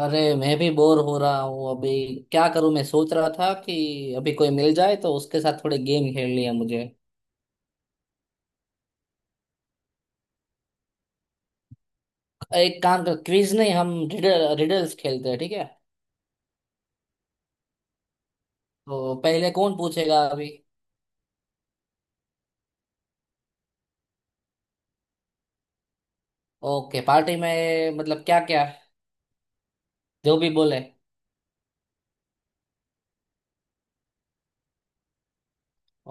अरे मैं भी बोर हो रहा हूँ अभी। क्या करूँ? मैं सोच रहा था कि अभी कोई मिल जाए तो उसके साथ थोड़े गेम खेल लिया मुझे। एक काम कर, क्विज नहीं, हम रिडल्स खेलते हैं, ठीक है? तो पहले कौन पूछेगा अभी? ओके, पार्टी में मतलब क्या क्या? जो भी बोले।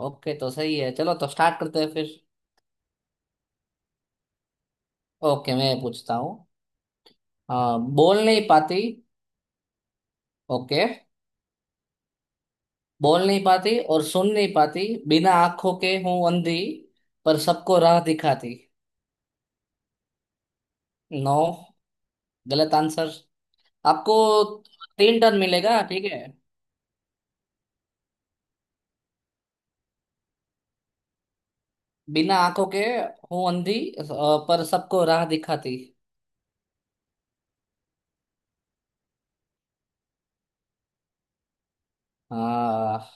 ओके तो सही है, चलो तो स्टार्ट करते हैं फिर। ओके, मैं पूछता हूँ। हाँ, बोल नहीं पाती। ओके। बोल नहीं पाती और सुन नहीं पाती, बिना आंखों के हूँ अंधी, पर सबको राह दिखाती। नो, गलत आंसर। आपको तीन टर्न मिलेगा, ठीक है। बिना आंखों के हूँ अंधी, अ, पर सबको राह दिखाती। हाँ।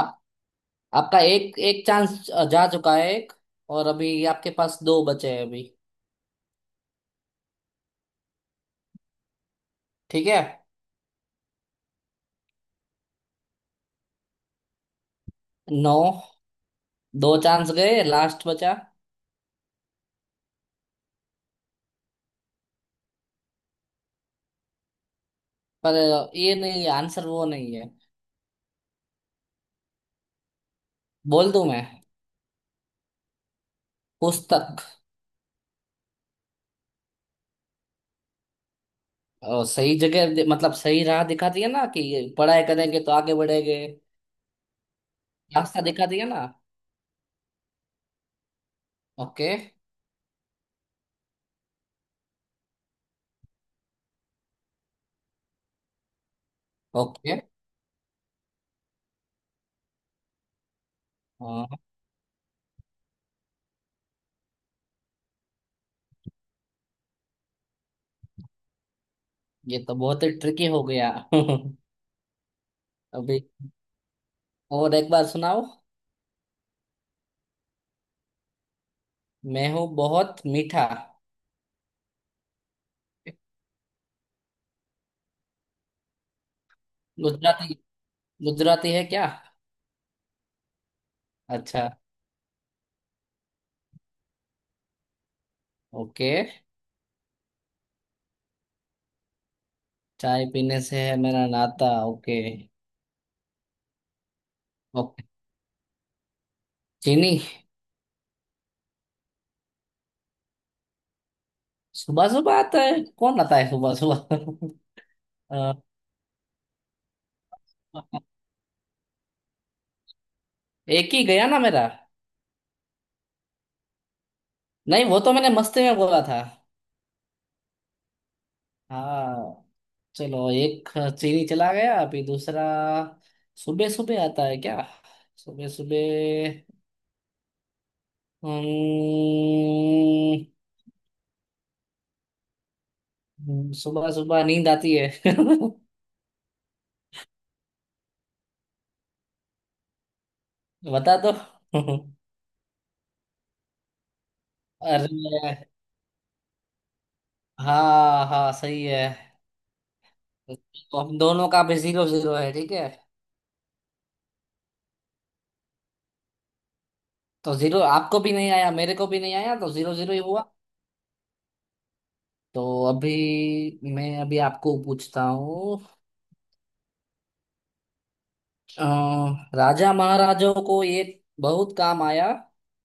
आप, आपका एक एक चांस जा चुका है, एक और अभी आपके पास दो बचे हैं अभी। ठीक है। नौ। दो चांस गए, लास्ट बचा। पर ये नहीं है आंसर, वो नहीं है। बोल दूं मैं? पुस्तक। मतलब सही राह दिखाती है ना, कि पढ़ाई करेंगे तो आगे बढ़ेंगे। रास्ता दिखाती है ना। ओके। ओके। हाँ, ये तो बहुत ही ट्रिकी हो गया अभी और एक बार सुनाओ। मैं हूँ बहुत मीठा। गुजराती? गुजराती है क्या? अच्छा। ओके, चाय पीने से है मेरा नाता, ओके। ओके। चीनी। सुबह सुबह आता है? कौन आता है सुबह सुबह? अ, एक ही गया ना मेरा? नहीं, वो तो मैंने मस्ती में बोला था। हाँ, चलो, एक चीनी चला गया, अभी दूसरा। सुबह सुबह आता है क्या? सुबह सुबह। हम्म। सुबह सुबह नींद आती है बता दो। अरे हाँ हाँ, सही है। तो हम दोनों का भी जीरो जीरो है, ठीक है। तो जीरो आपको भी नहीं आया, मेरे को भी नहीं आया, तो जीरो जीरो ही हुआ। तो अभी मैं अभी आपको पूछता हूँ। अ, राजा महाराजों को एक बहुत काम आया,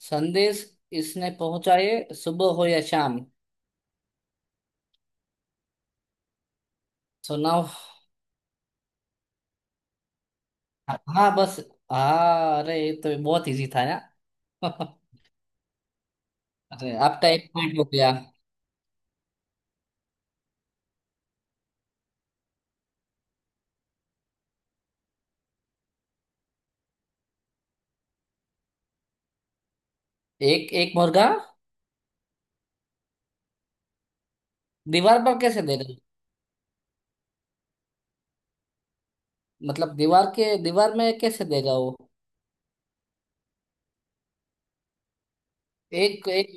संदेश इसने पहुंचाए सुबह हो या शाम। So now. हाँ बस। हाँ, अरे ये तो बहुत इजी था यार अरे आपका एक पॉइंट हो गया। एक एक मुर्गा दीवार पर कैसे देगा? मतलब दीवार के दीवार में कैसे देगा वो? एक एक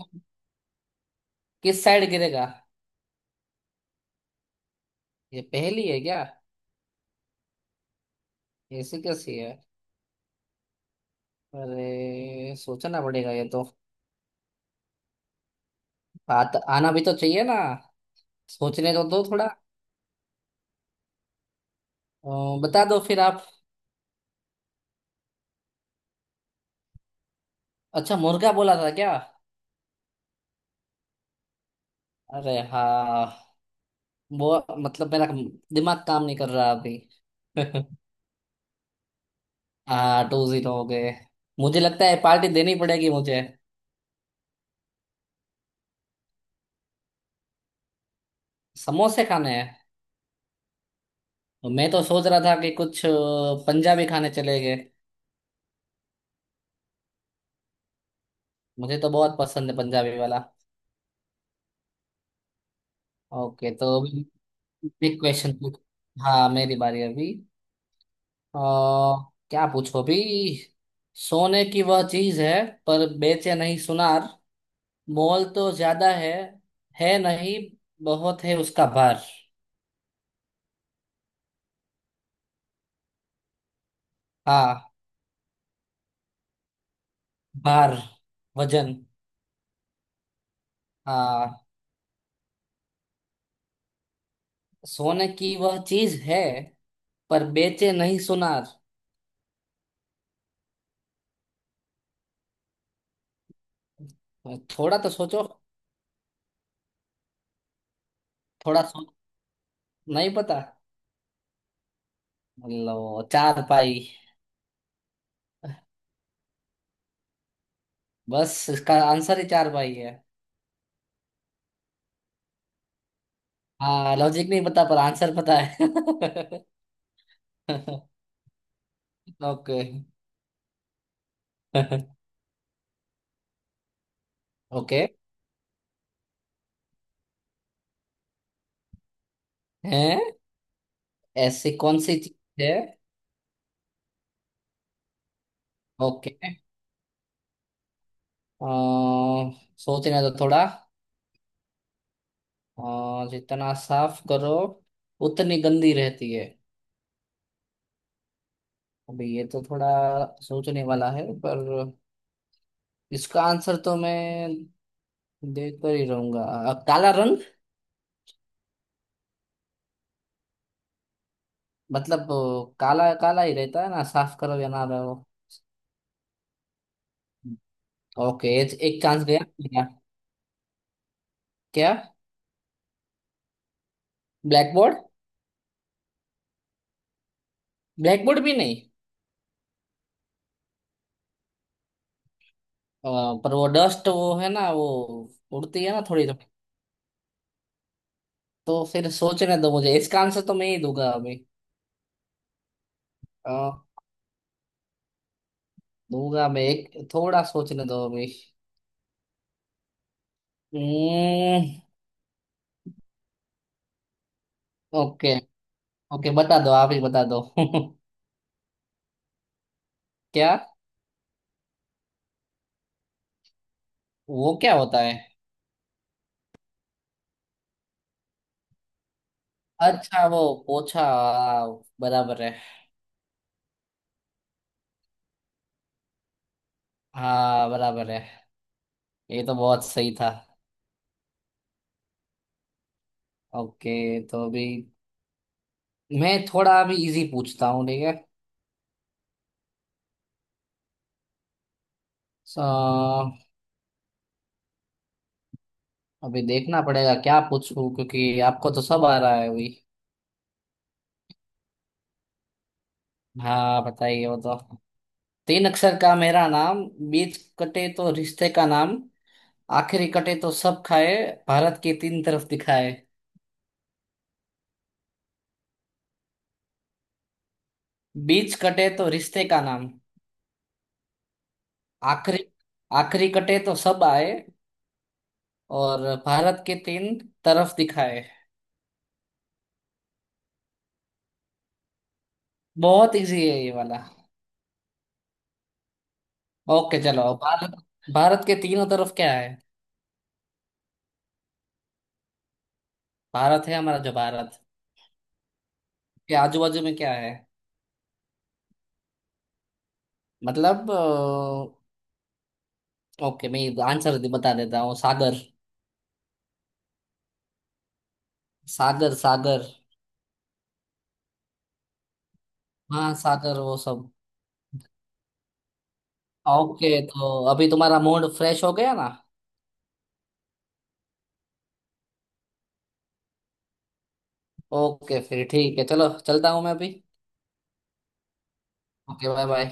किस साइड गिरेगा? ये पहेली है क्या? ऐसी कैसी है? अरे सोचना पड़ेगा ये तो। आना भी तो चाहिए ना, सोचने तो दो थोड़ा। बता दो फिर आप। अच्छा, मुर्गा बोला था क्या? अरे हाँ। वो मतलब मेरा दिमाग काम नहीं कर रहा अभी हाँ, टू जीरो हो गए। मुझे लगता है पार्टी देनी पड़ेगी मुझे। समोसे खाने हैं। मैं तो सोच रहा था कि कुछ पंजाबी खाने चले गए। मुझे तो बहुत पसंद है पंजाबी वाला। ओके तो बिग क्वेश्चन पूछ। हाँ, मेरी बारी अभी। अ, क्या पूछो भी। सोने की वह चीज है, पर बेचे नहीं सुनार, मोल तो ज्यादा है नहीं, बहुत है उसका भार। हाँ। भार, वजन। हाँ। सोने की वह चीज है, पर बेचे नहीं सुनार। थोड़ा तो सोचो। थोड़ा सो नहीं पता। लो, चार पाई। बस इसका आंसर ही चार पाई है। हाँ, लॉजिक नहीं पता पर आंसर पता है ओके। ओके। हैं? ऐसी कौन सी चीज है? ओके। अ, सोचने तो थोड़ा। जितना साफ करो उतनी गंदी रहती है। अभी ये तो थोड़ा सोचने वाला है, पर इसका आंसर तो मैं देख कर ही रहूंगा। काला रंग? मतलब काला काला ही रहता है ना, साफ करो या ना रहो। ओके, एक चांस गया मेरा। क्या? Black board? ब्लैक बोर्ड भी नहीं? अ, पर वो डस्ट वो है ना, वो उड़ती है ना थोड़ी थोड़ी। तो फिर सोचने दो मुझे, इसका आंसर तो मैं ही दूंगा अभी। अ, दूंगा मैं, एक थोड़ा सोचने दो अभी। हम्म, ओके। ओके बता दो, आप ही बता दो क्या? वो क्या होता है? अच्छा वो पोछा, हाँ, बराबर है। हाँ बराबर है, ये तो बहुत सही था। ओके तो अभी मैं थोड़ा अभी इजी पूछता हूँ, ठीक है। सो अभी देखना पड़ेगा क्या पूछूं, क्योंकि आपको तो सब आ रहा है अभी। हाँ बताइए वो तो। तीन अक्षर का मेरा नाम, बीच कटे तो रिश्ते का नाम, आखिरी कटे तो सब खाए, भारत की तीन तरफ दिखाए। बीच कटे तो रिश्ते का नाम। आखिरी आखिरी कटे तो सब आए, और भारत के तीन तरफ दिखाए। बहुत इजी है ये वाला। ओके चलो, भारत। भारत के तीनों तरफ क्या है? भारत है हमारा, जो भारत के आजू बाजू में क्या है? मतलब ओके, मैं आंसर बता देता हूँ, सागर। सागर सागर। हाँ सागर, वो सब। ओके तो अभी तुम्हारा मूड फ्रेश हो गया ना? ओके फिर ठीक है, चलो चलता हूँ मैं अभी। Okay, bye bye.